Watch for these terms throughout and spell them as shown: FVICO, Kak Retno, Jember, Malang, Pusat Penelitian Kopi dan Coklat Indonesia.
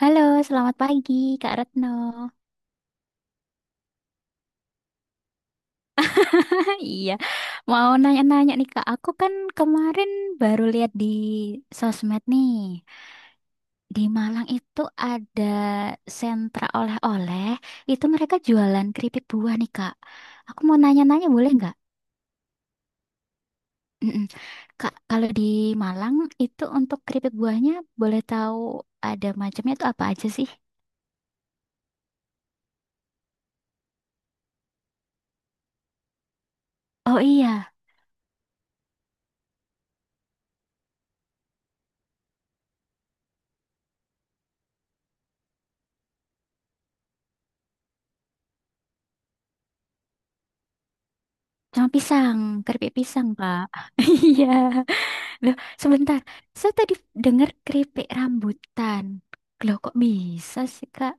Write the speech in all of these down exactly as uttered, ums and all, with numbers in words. Halo, selamat pagi Kak Retno. Iya, mau nanya-nanya nih Kak. Aku kan kemarin baru lihat di sosmed nih. Di Malang itu ada sentra oleh-oleh. Itu mereka jualan keripik buah nih Kak. Aku mau nanya-nanya boleh nggak? Mm-mm. Kak, kalau di Malang itu untuk keripik buahnya boleh tahu ada macamnya itu apa aja sih? Oh iya, cuma pisang, keripik pisang Kak. Iya. Loh, sebentar. Saya tadi dengar keripik rambutan. Loh, kok bisa sih, Kak?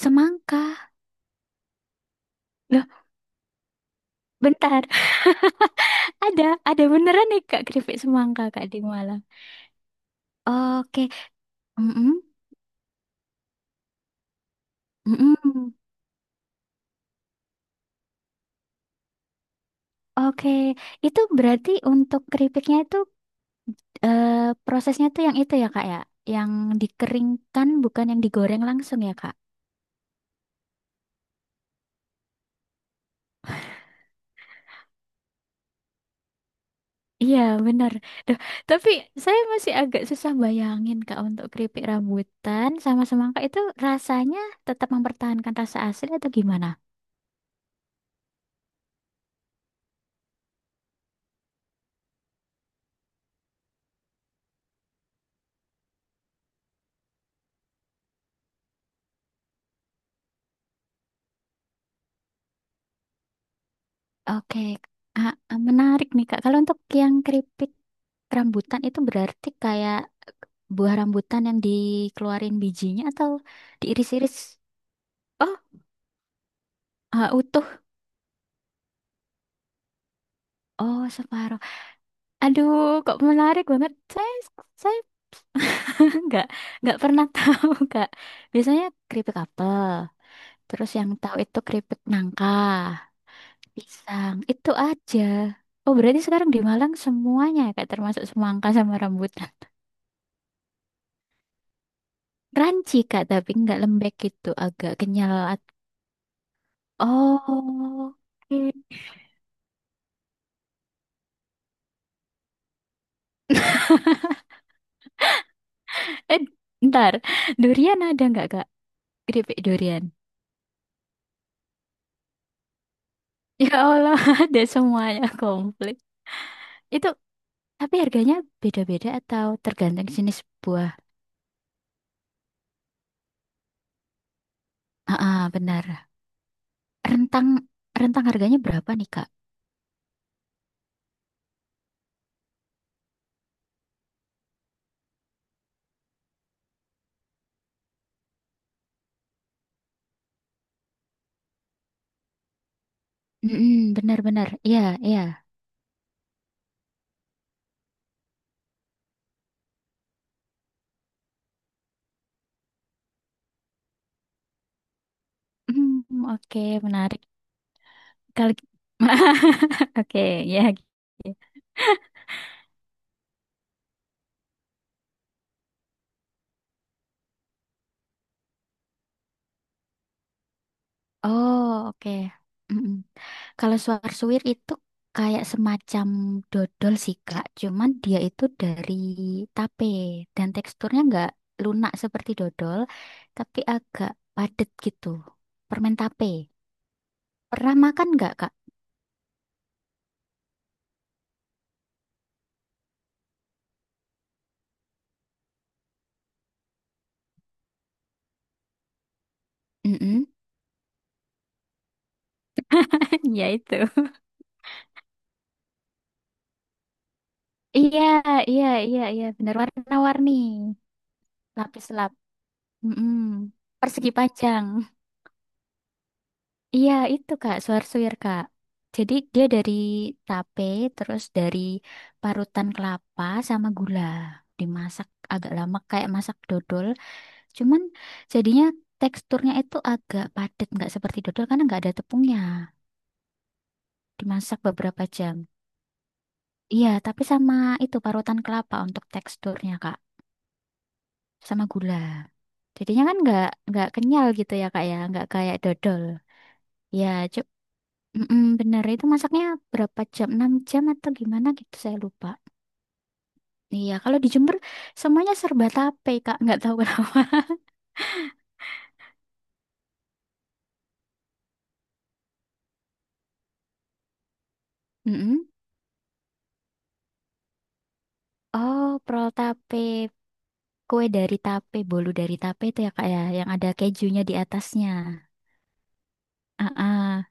Semangka. Loh, bentar. Ada, ada beneran nih, Kak, keripik semangka, Kak, di Malang. Oke. Mm-mm. Mm-mm. Oke. Itu berarti untuk keripiknya itu, eh, prosesnya tuh yang itu ya, Kak, ya? Yang dikeringkan, bukan yang digoreng langsung ya, Kak? Iya, benar. Duh, tapi saya masih agak susah bayangin, Kak, untuk keripik rambutan sama semangka itu rasanya tetap mempertahankan rasa asli atau gimana? Oke, ah, ah, menarik nih, Kak. Kalau untuk yang keripik rambutan itu berarti kayak buah rambutan yang dikeluarin bijinya atau diiris-iris? Oh, ah, utuh. Oh, separuh. Aduh, kok menarik banget. Saya, saya nggak, nggak pernah tahu, Kak. Biasanya keripik apel. Terus yang tahu itu keripik nangka, pisang, itu aja. Oh, berarti sekarang di Malang semuanya ya, Kak, termasuk semangka sama rambutan. Ranci, Kak, tapi nggak lembek gitu, agak kenyal. at- Oh, oke. Eh, ntar. Durian ada nggak, Kak? Keripik durian. Ya Allah, ada semuanya komplit. Itu, tapi harganya beda-beda atau tergantung jenis buah? Ah, ah, benar. Rentang, rentang harganya berapa nih, Kak? Mm benar-benar. Iya, iya. Hmm, oke, menarik. Kali Oke, ya. Gitu. Oh, oke. Mm-mm. Kalau suar-suwir itu kayak semacam dodol sih, Kak. Cuman dia itu dari tape dan teksturnya nggak lunak seperti dodol, tapi agak padat gitu. Permen tape. Pernah makan nggak, Kak? Mm-mm. Ya itu. Iya, iya, iya, iya. Benar warna-warni. Lapis lap. Mm-mm. Persegi panjang. Iya, itu Kak, suwir-suwir Kak. Jadi dia dari tape, terus dari parutan kelapa sama gula. Dimasak agak lama kayak masak dodol. Cuman jadinya teksturnya itu agak padat, nggak seperti dodol karena nggak ada tepungnya. Dimasak beberapa jam. Iya, tapi sama itu parutan kelapa untuk teksturnya Kak, sama gula. Jadinya kan nggak nggak kenyal gitu ya Kak ya, nggak kayak dodol. Ya, mm-mm, bener, itu masaknya berapa jam? Enam jam atau gimana gitu, saya lupa. Iya, kalau di Jember semuanya serba tape, Kak. Nggak tahu kenapa. Mm-mm. Oh, prol tape. Kue dari tape, bolu dari tape itu ya, Kak, ya. Yang ada kejunya di atasnya. Ah, ah.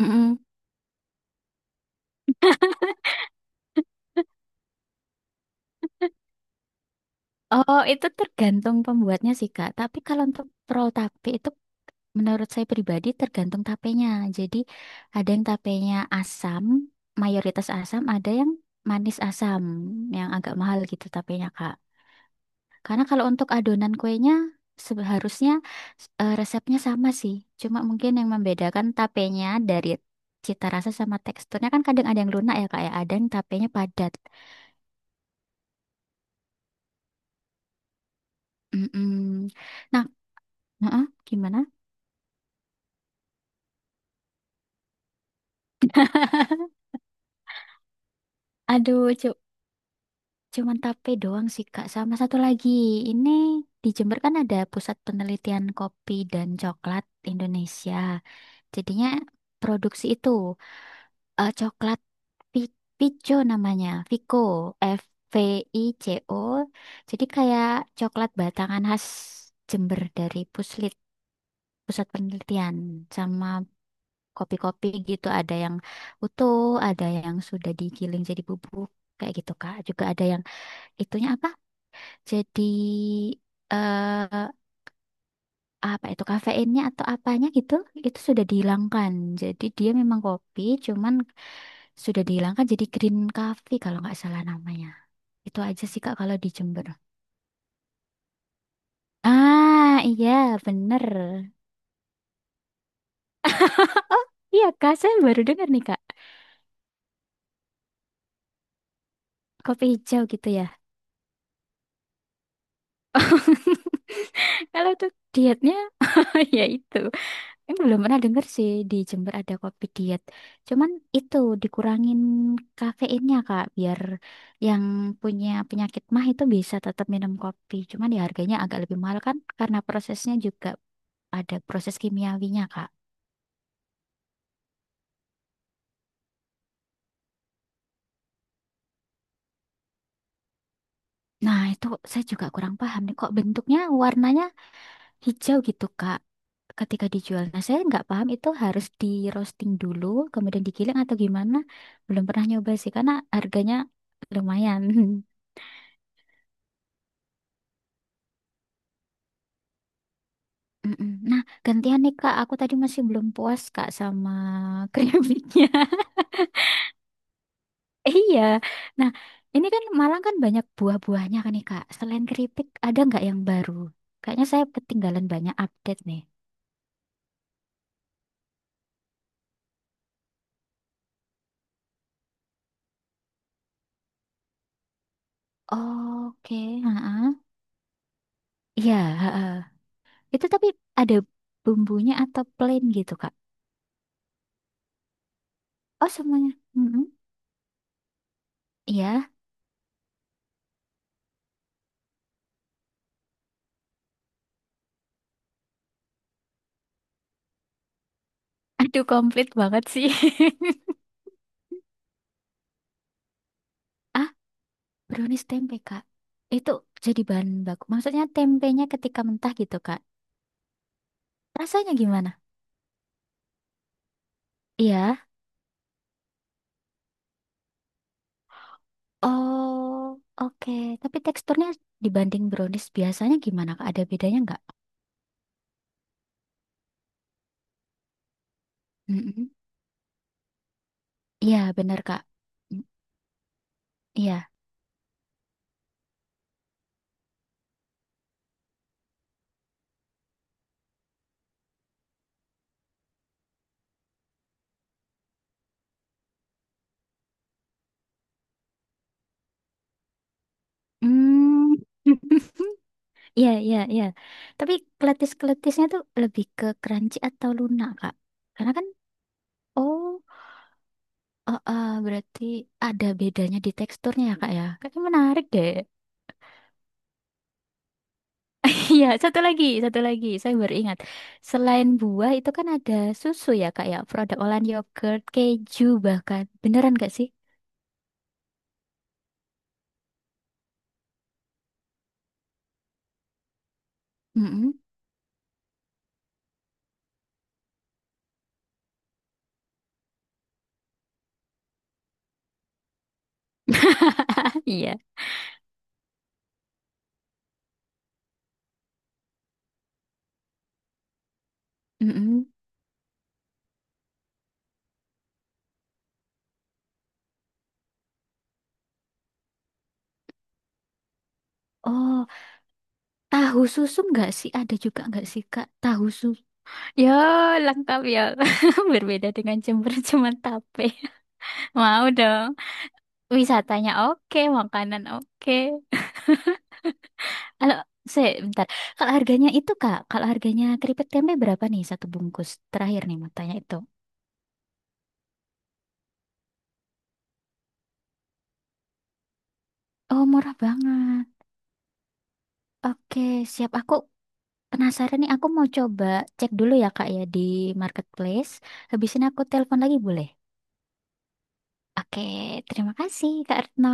Mm-mm. Oh, itu tergantung pembuatnya sih, Kak. Tapi kalau untuk prol tape itu, menurut saya pribadi tergantung tapenya. Jadi ada yang tapenya asam, mayoritas asam, ada yang manis asam, yang agak mahal gitu tapenya, Kak. Karena kalau untuk adonan kuenya seharusnya, eh, resepnya sama sih. Cuma mungkin yang membedakan tapenya dari cita rasa sama teksturnya kan kadang ada yang lunak ya, Kak ya. Ada yang tapenya padat. Mm-mm. Nah, heeh, gimana? Aduh, cuman tape doang sih Kak. Sama satu lagi, ini di Jember kan ada Pusat Penelitian Kopi dan Coklat Indonesia. Jadinya produksi itu, eh, coklat pi- Pico namanya, Vico, F V I C O. Jadi kayak coklat batangan khas Jember dari Puslit, Pusat Penelitian, sama kopi-kopi gitu ada yang utuh, ada yang sudah digiling jadi bubuk kayak gitu Kak. Juga ada yang itunya apa? Jadi, eh apa itu kafeinnya atau apanya gitu itu sudah dihilangkan. Jadi dia memang kopi cuman sudah dihilangkan, jadi green coffee kalau nggak salah namanya. Itu aja sih Kak kalau di Jember. Ah, iya bener. Oh, iya Kak, saya baru dengar nih Kak. Kopi hijau gitu ya. Kalau tuh dietnya ya itu. Ini belum pernah denger sih di Jember ada kopi diet. Cuman itu dikurangin kafeinnya Kak, biar yang punya penyakit mah itu bisa tetap minum kopi. Cuman ya harganya agak lebih mahal kan karena prosesnya juga ada proses kimiawinya Kak. Nah itu saya juga kurang paham nih kok bentuknya warnanya hijau gitu Kak. Ketika dijual, nah saya nggak paham itu harus di roasting dulu, kemudian digiling atau gimana? Belum pernah nyoba sih karena harganya lumayan. Mm-mm. Nah, gantian nih Kak, aku tadi masih belum puas Kak sama keripiknya. Iya. Nah, ini kan Malang kan banyak buah-buahnya kan nih Kak. Selain keripik, ada nggak yang baru? Kayaknya saya ketinggalan banyak update nih. Oke, heeh. Iya, heeh. Itu tapi ada bumbunya atau plain gitu Kak? Oh, semuanya. Mm-mm. Iya. Aduh, komplit banget sih. Ah, brownies tempe, Kak. Itu jadi bahan baku. Maksudnya tempenya ketika mentah gitu, Kak. Rasanya gimana? Iya. Oh, oke. Tapi teksturnya dibanding brownies biasanya gimana, Kak? Ada bedanya nggak? Mm-mm. Iya, benar, Kak. Mm, iya. Hmm. Iya, iya, iya. Tapi keletis-keletisnya tuh lebih ke crunchy atau lunak, Kak? Karena kan, oh, eh, eh, berarti ada bedanya di teksturnya ya, Kak, ya? Kayaknya menarik deh. Iya, satu lagi, satu lagi. Saya baru ingat. Selain buah itu kan ada susu ya, Kak ya. Produk olahan yogurt, keju bahkan. Beneran gak sih? Mm-mm. Iya. Mm-mm. Oh, tahu susu nggak sih? Ada juga nggak sih, Kak? Tahu susu. Ya, lengkap ya. Berbeda dengan Jember cuman tape. Mau dong. Wisatanya oke, makanan oke. Kalau saya bentar. Kalau harganya itu, Kak, kalau harganya keripik tempe berapa nih satu bungkus? Terakhir nih mau tanya itu. Oh, murah banget. Oke, siap. Aku penasaran nih. Aku mau coba cek dulu ya, Kak, ya di marketplace. Habis ini aku telepon lagi, boleh? Oke, terima kasih, Kak Retno.